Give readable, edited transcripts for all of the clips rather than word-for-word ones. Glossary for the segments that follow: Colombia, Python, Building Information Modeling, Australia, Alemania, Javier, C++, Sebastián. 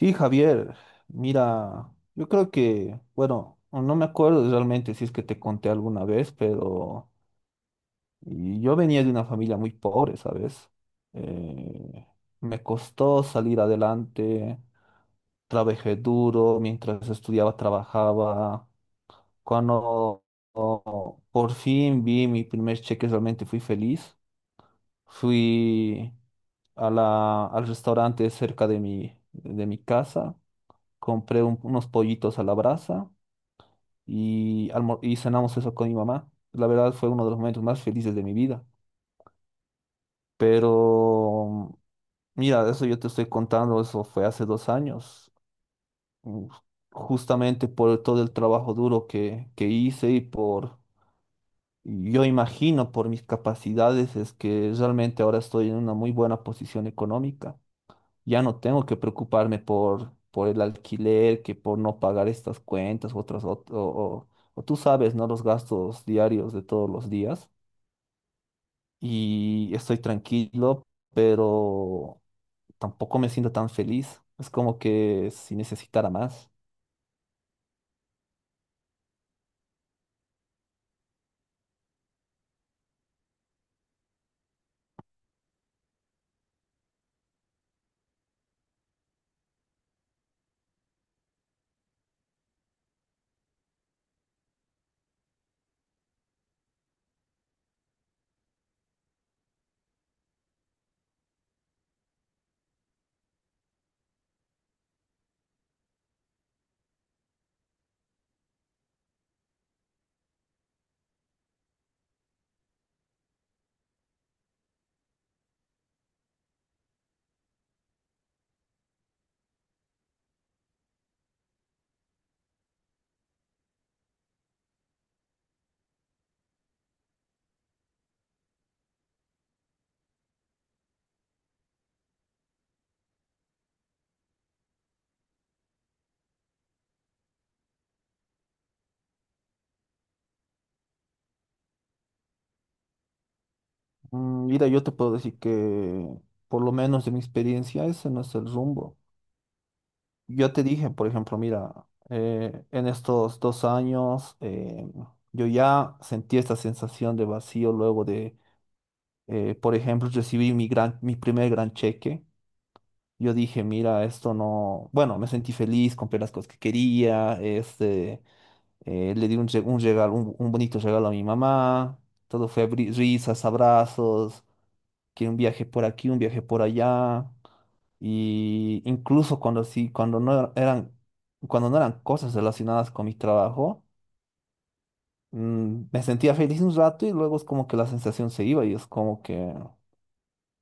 Sí, Javier, mira, yo creo que, bueno, no me acuerdo realmente si es que te conté alguna vez, pero yo venía de una familia muy pobre, ¿sabes? Eh, Me costó salir adelante, trabajé duro, mientras estudiaba, trabajaba. Cuando oh, por fin vi mi primer cheque, realmente fui feliz. Fui a al restaurante cerca de mi casa, compré unos pollitos a la brasa y, y cenamos eso con mi mamá. La verdad fue uno de los momentos más felices de mi vida. Pero mira, eso yo te estoy contando, eso fue hace 2 años, Mm, justamente por todo el trabajo duro que hice y por, yo imagino, por mis capacidades, es que realmente ahora estoy en una muy buena posición económica. Ya no tengo que preocuparme por el alquiler, que por no pagar estas cuentas u otras, o tú sabes, ¿no? Los gastos diarios de todos los días. Y estoy tranquilo, pero tampoco me siento tan feliz. Es como que si necesitara más. Mm. Mira, yo te puedo decir que, por lo menos de mi experiencia, ese no es el rumbo. Yo te dije, por ejemplo, mira, en estos 2 años yo ya sentí esta sensación de vacío luego de, por ejemplo, recibí mi mi primer gran cheque. Yo dije, mira, esto no, bueno, me sentí feliz, compré las cosas que quería, este, le di un, un regalo, un bonito regalo a mi mamá, todo fue risas, abrazos, que un viaje por aquí, un viaje por allá. Y incluso cuando sí, cuando no eran cosas relacionadas con mi trabajo, mm, me sentía feliz un rato y luego es como que la sensación se iba y es como que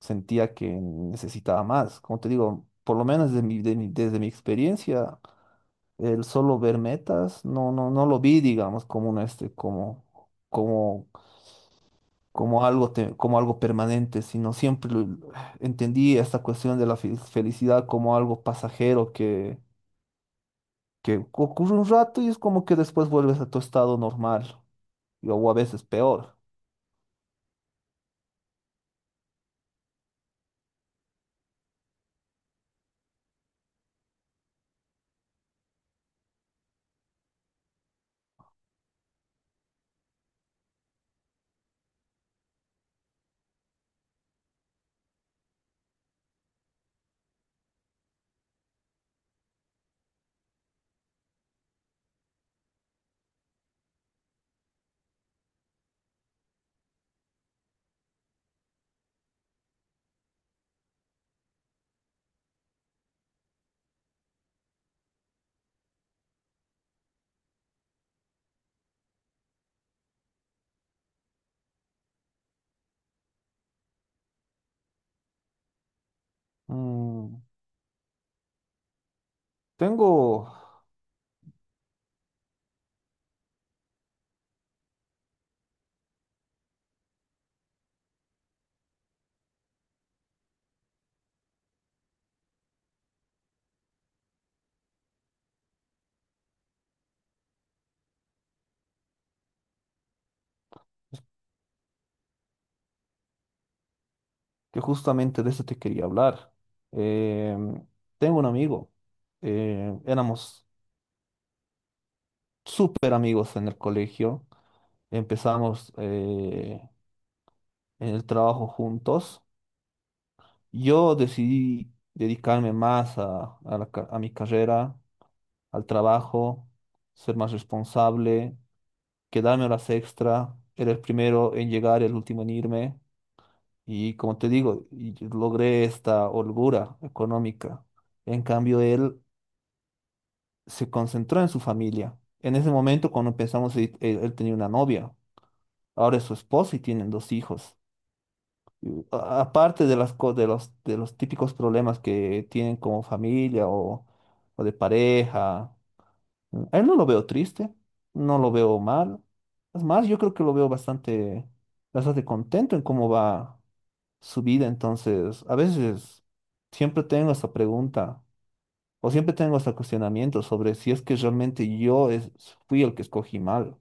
sentía que necesitaba más. Como te digo, por lo menos desde desde mi experiencia, el solo ver metas, no lo vi, digamos, como como, como algo como algo permanente, sino siempre entendí esta cuestión de la felicidad como algo pasajero que ocurre un rato y es como que después vuelves a tu estado normal, o a veces peor. Mm, tengo que Justamente de eso te quería hablar. Em, Tengo un amigo, éramos súper amigos en el colegio, empezamos en el trabajo juntos. Yo decidí dedicarme más a a mi carrera, al trabajo, ser más responsable, quedarme a las extra, era el primero en llegar, el último en irme, y como te digo, y logré esta holgura económica. En cambio, él se concentró en su familia. En ese momento, cuando empezamos, él tenía una novia, ahora es su esposa y tienen 2 hijos. Aparte de las, co- de los típicos problemas que tienen como familia o de pareja, a él no lo veo triste, no lo veo mal. Es más, yo creo que lo veo bastante contento en cómo va su vida. Entonces, a veces siempre tengo esta pregunta o siempre tengo este cuestionamiento sobre si es que realmente fui el que escogí mal.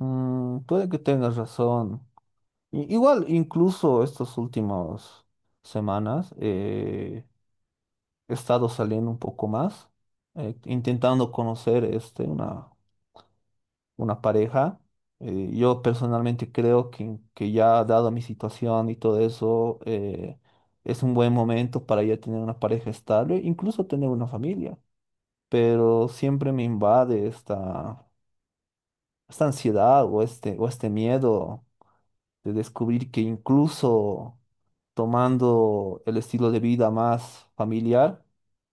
Mm, puede que tengas razón. Igual, incluso estas últimas semanas he estado saliendo un poco más, intentando conocer este, una pareja. Yo personalmente creo que ya dado mi situación y todo eso, es un buen momento para ya tener una pareja estable, incluso tener una familia. Pero siempre me invade esta ansiedad o este miedo de descubrir que incluso tomando el estilo de vida más familiar,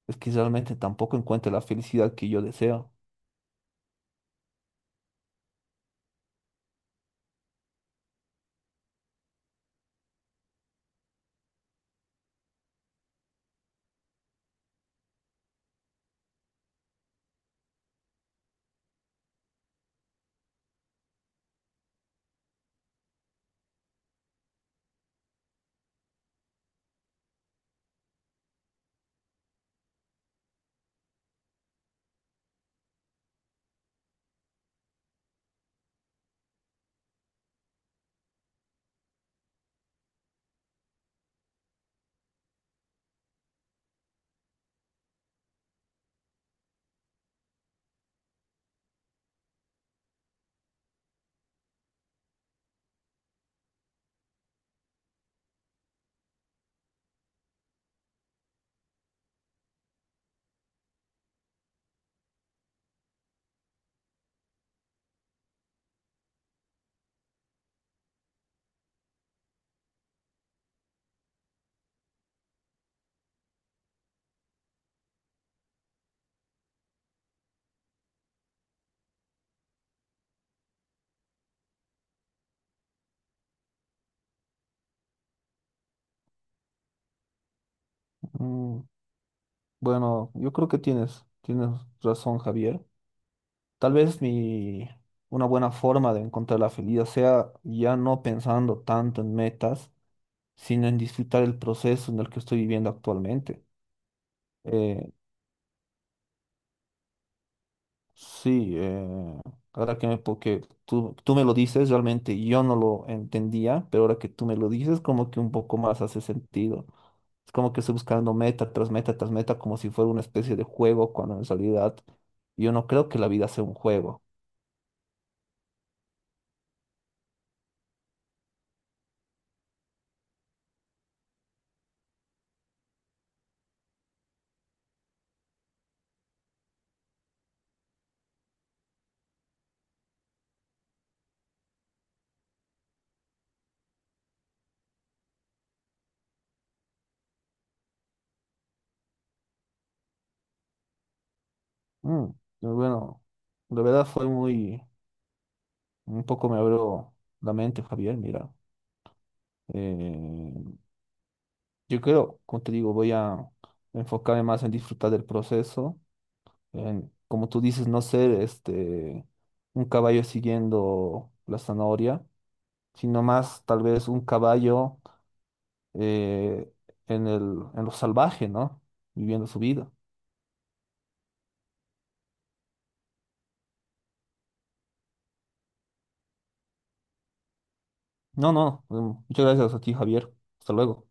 es que realmente tampoco encuentre la felicidad que yo deseo. Mm, bueno, yo creo que tienes razón, Javier. Tal vez mi, una buena forma de encontrar la felicidad sea ya no pensando tanto en metas, sino en disfrutar el proceso en el que estoy viviendo actualmente. Eh, sí, ahora que me, porque tú me lo dices, realmente yo no lo entendía, pero ahora que tú me lo dices, como que un poco más hace sentido. Es como que estoy buscando meta tras meta tras meta, como si fuera una especie de juego, cuando en realidad yo no creo que la vida sea un juego. Mm, bueno, de verdad fue muy... Un poco me abro la mente, Javier, mira. Eh, yo creo, como te digo, voy a enfocarme más en disfrutar del proceso, en, como tú dices, no ser este un caballo siguiendo la zanahoria, sino más tal vez un caballo, eh, en el, en lo salvaje, ¿no? Viviendo su vida. No, no, mm, Muchas gracias a ti, Javier. Hasta luego.